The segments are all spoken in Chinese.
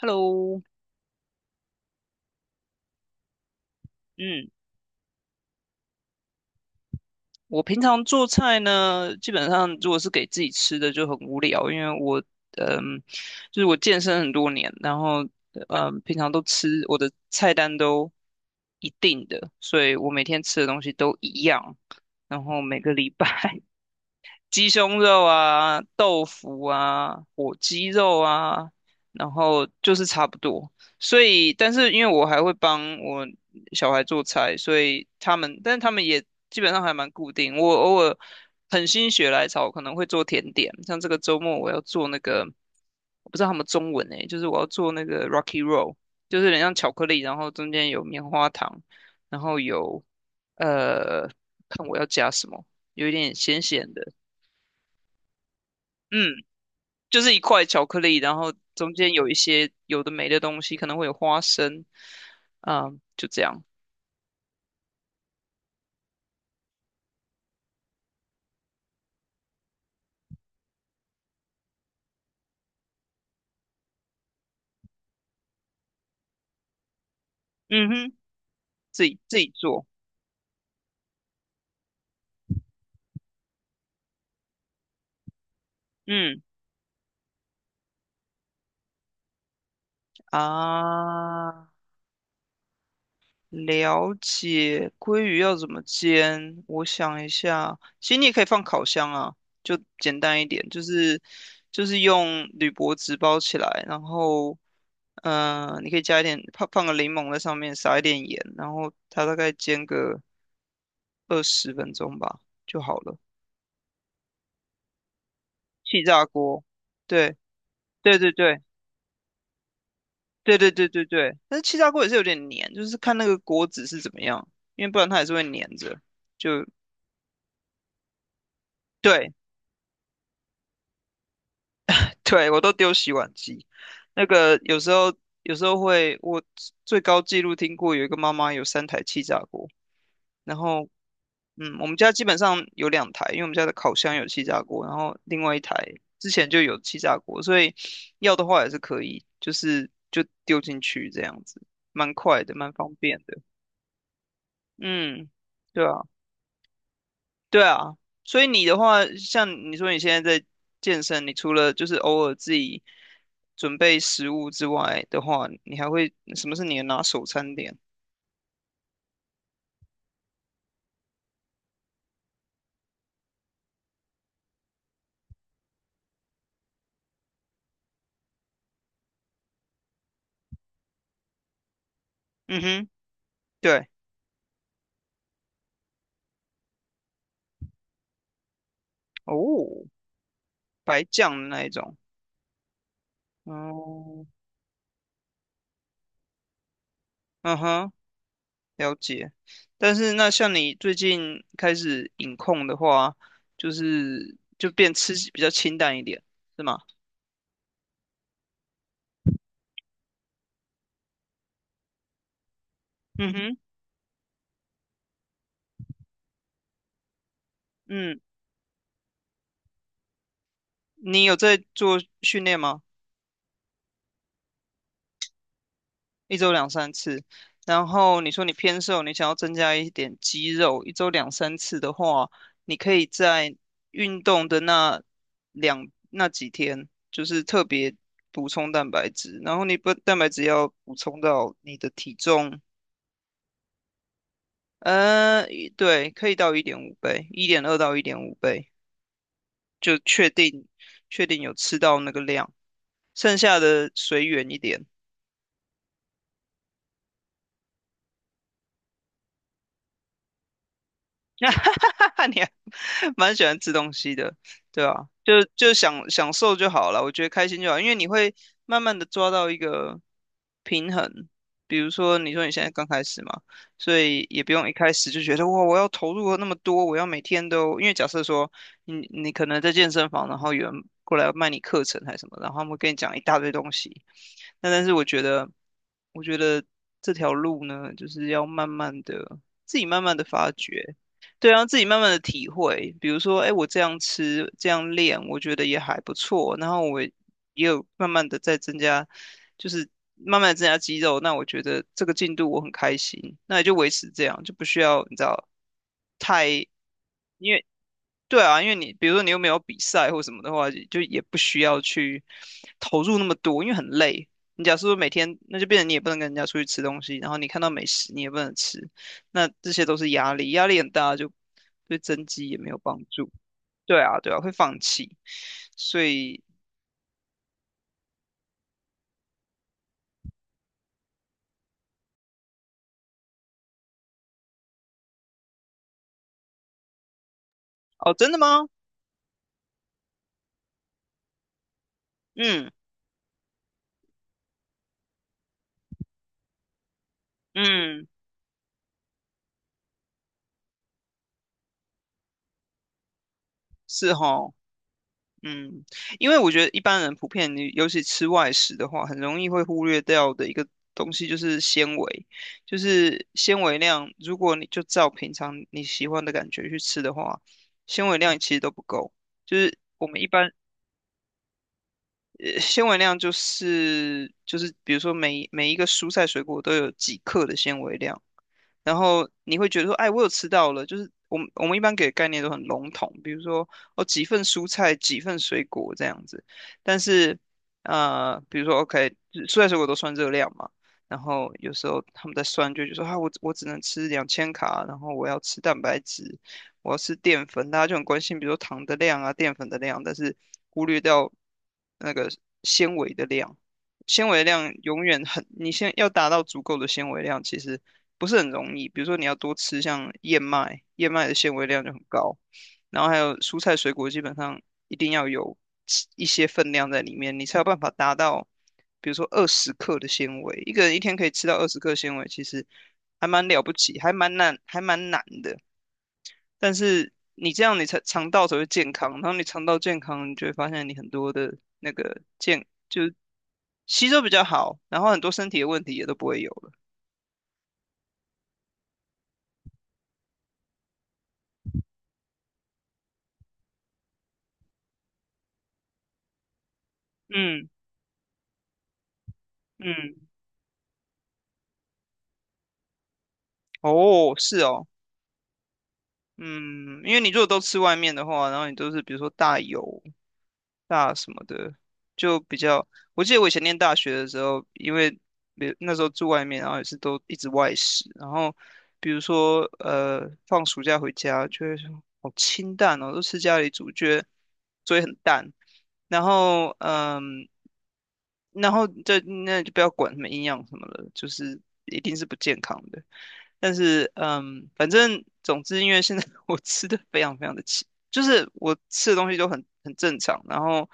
Hello，嗯，我平常做菜呢，基本上如果是给自己吃的就很无聊，因为我，嗯，就是我健身很多年，然后，平常都吃我的菜单都一定的，所以我每天吃的东西都一样，然后每个礼拜 鸡胸肉啊、豆腐啊、火鸡肉啊，然后就是差不多。所以，但是因为我还会帮我小孩做菜，所以他们，但是他们也基本上还蛮固定。我偶尔很心血来潮，可能会做甜点，像这个周末我要做那个，我不知道他们中文诶，就是我要做那个 Rocky Roll，就是有点像巧克力，然后中间有棉花糖，然后有呃，看我要加什么。有一点咸咸的，嗯，就是一块巧克力，然后中间有一些有的没的东西，可能会有花生，啊、就这样。嗯哼，自己做。嗯啊，了解。鲑鱼要怎么煎？我想一下，其实你也可以放烤箱啊，就简单一点，就是用铝箔纸包起来，然后你可以加一点放个柠檬在上面，撒一点盐，然后它大概煎个。20分钟吧就好了。气炸锅，对对对对对对对对对，但是气炸锅也是有点黏，就是看那个锅子是怎么样，因为不然它还是会黏着。就对对，我都丢洗碗机。那个有时候会，我最高纪录听过有一个妈妈有3台气炸锅。然后，嗯，我们家基本上有2台，因为我们家的烤箱有气炸锅，然后另外一台之前就有气炸锅，所以要的话也是可以，就是就丢进去这样子，蛮快的，蛮方便的。嗯，对啊，对啊。所以你的话，像你说你现在在健身，你除了就是偶尔自己准备食物之外的话，你还会什么是你的拿手餐点？嗯哼，对，哦，白酱的那一种，哦，嗯哼。了解，但是那像你最近开始饮控的话，就是就变吃比较清淡一点，是吗？嗯哼，嗯，你有在做训练吗？一周两三次，然后你说你偏瘦，你想要增加一点肌肉，一周两三次的话，你可以在运动的那几天，就是特别补充蛋白质，然后你不蛋白质要补充到你的体重。对，可以到一点五倍，1.2到一点五倍，就确定有吃到那个量，剩下的随缘一点。哈哈哈！你还蛮喜欢吃东西的，对啊，就享受就好了，我觉得开心就好，因为你会慢慢的抓到一个平衡。比如说，你说你现在刚开始嘛，所以也不用一开始就觉得哇，我要投入那么多，我要每天都，因为假设说你可能在健身房，然后有人过来卖你课程还是什么，然后他们会跟你讲一大堆东西，那但是我觉得这条路呢，就是要慢慢的自己慢慢的发掘。对啊，自己慢慢的体会，比如说，哎，我这样吃，这样练，我觉得也还不错。然后我也有慢慢的在增加，就是慢慢的增加肌肉。那我觉得这个进度我很开心，那也就维持这样，就不需要你知道太，因为对啊，因为你比如说你又没有比赛或什么的话，就也不需要去投入那么多，因为很累。你假如说每天，那就变成你也不能跟人家出去吃东西，然后你看到美食你也不能吃，那这些都是压力，压力很大，就对增肌也没有帮助。对啊，对啊，会放弃。所以，哦，真的吗？嗯嗯，是哈。嗯，因为我觉得一般人普遍，你尤其吃外食的话，很容易会忽略掉的一个东西就是纤维，就是纤维量。如果你就照平常你喜欢的感觉去吃的话，纤维量其实都不够。就是我们一般，纤维量就是，比如说每一个蔬菜水果都有几克的纤维量，然后你会觉得说，哎，我有吃到了，就是我们一般给的概念都很笼统，比如说哦几份蔬菜，几份水果这样子。但是比如说 OK，蔬菜水果都算热量嘛，然后有时候他们在算就觉得说啊，我只能吃2000卡，然后我要吃蛋白质，我要吃淀粉，大家就很关心，比如说糖的量啊、淀粉的量，但是忽略掉那个纤维的量。纤维量永远很，你先要达到足够的纤维量，其实不是很容易。比如说你要多吃像燕麦，燕麦的纤维量就很高，然后还有蔬菜水果基本上一定要有吃一些分量在里面，你才有办法达到，比如说二十克的纤维，一个人一天可以吃到二十克纤维，其实还蛮了不起，还蛮难，还蛮难的。但是你这样，你才肠道才会健康，然后你肠道健康，你就会发现你很多的那个健就是吸收比较好，然后很多身体的问题也都不会有了。嗯嗯，哦，是哦。嗯，因为你如果都吃外面的话，然后你都是比如说大油、大什么的，就比较。我记得我以前念大学的时候，因为比那时候住外面，然后也是都一直外食，然后比如说放暑假回家就会说好清淡哦，都吃家里煮，觉得所以很淡。然后然后就那就不要管什么营养什么了，就是一定是不健康的。但是反正总之，因为现在 我吃的非常非常的奇，就是我吃的东西都很正常，然后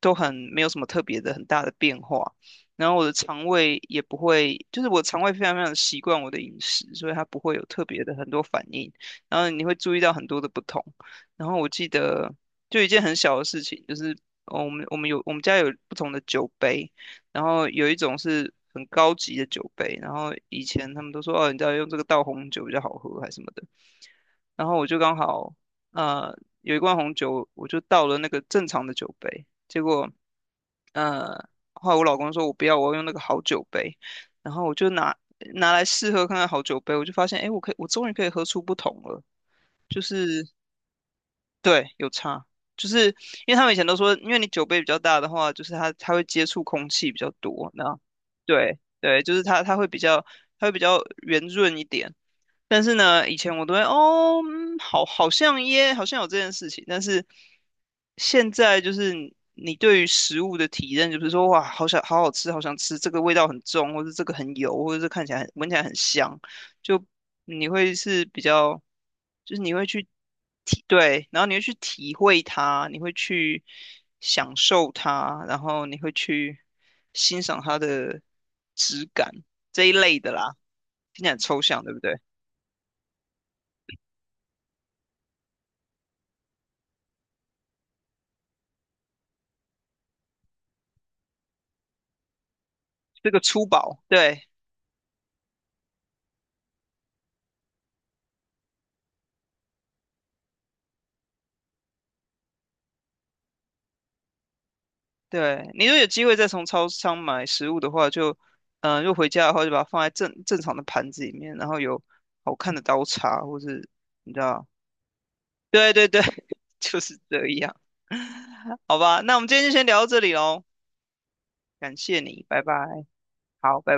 都很没有什么特别的很大的变化，然后我的肠胃也不会，就是我肠胃非常非常地习惯我的饮食，所以它不会有特别的很多反应，然后你会注意到很多的不同，然后我记得就一件很小的事情，就是。哦，我们家有不同的酒杯，然后有一种是很高级的酒杯，然后以前他们都说哦，你知道用这个倒红酒比较好喝还是什么的，然后我就刚好呃有一罐红酒，我就倒了那个正常的酒杯，结果后来我老公说我不要，我要用那个好酒杯，然后我就拿来试喝看看好酒杯，我就发现哎，诶我终于可以喝出不同了，就是。对，有差，就是因为他们以前都说，因为你酒杯比较大的话，就是它会接触空气比较多，那对对，就是它会比较它会比较圆润一点。但是呢，以前我都会哦，嗯好，好像耶，好像有这件事情。但是现在就是你对于食物的体验，就是说哇，好想好好吃，好想吃，这个味道很重，或者这个很油，或者是看起来很闻起来很香，就你会是比较，就是你会去体，对，然后你会去体会它，你会去享受它，然后你会去欣赏它的质感这一类的啦，听起来很抽象，对不对？这个粗饱，对对，你如果有机会再从超商买食物的话，就如果回家的话，就把它放在正常的盘子里面，然后有好看的刀叉，或是你知道，对对对，就是这样，好吧，那我们今天就先聊到这里喽，感谢你，拜拜，好，拜拜。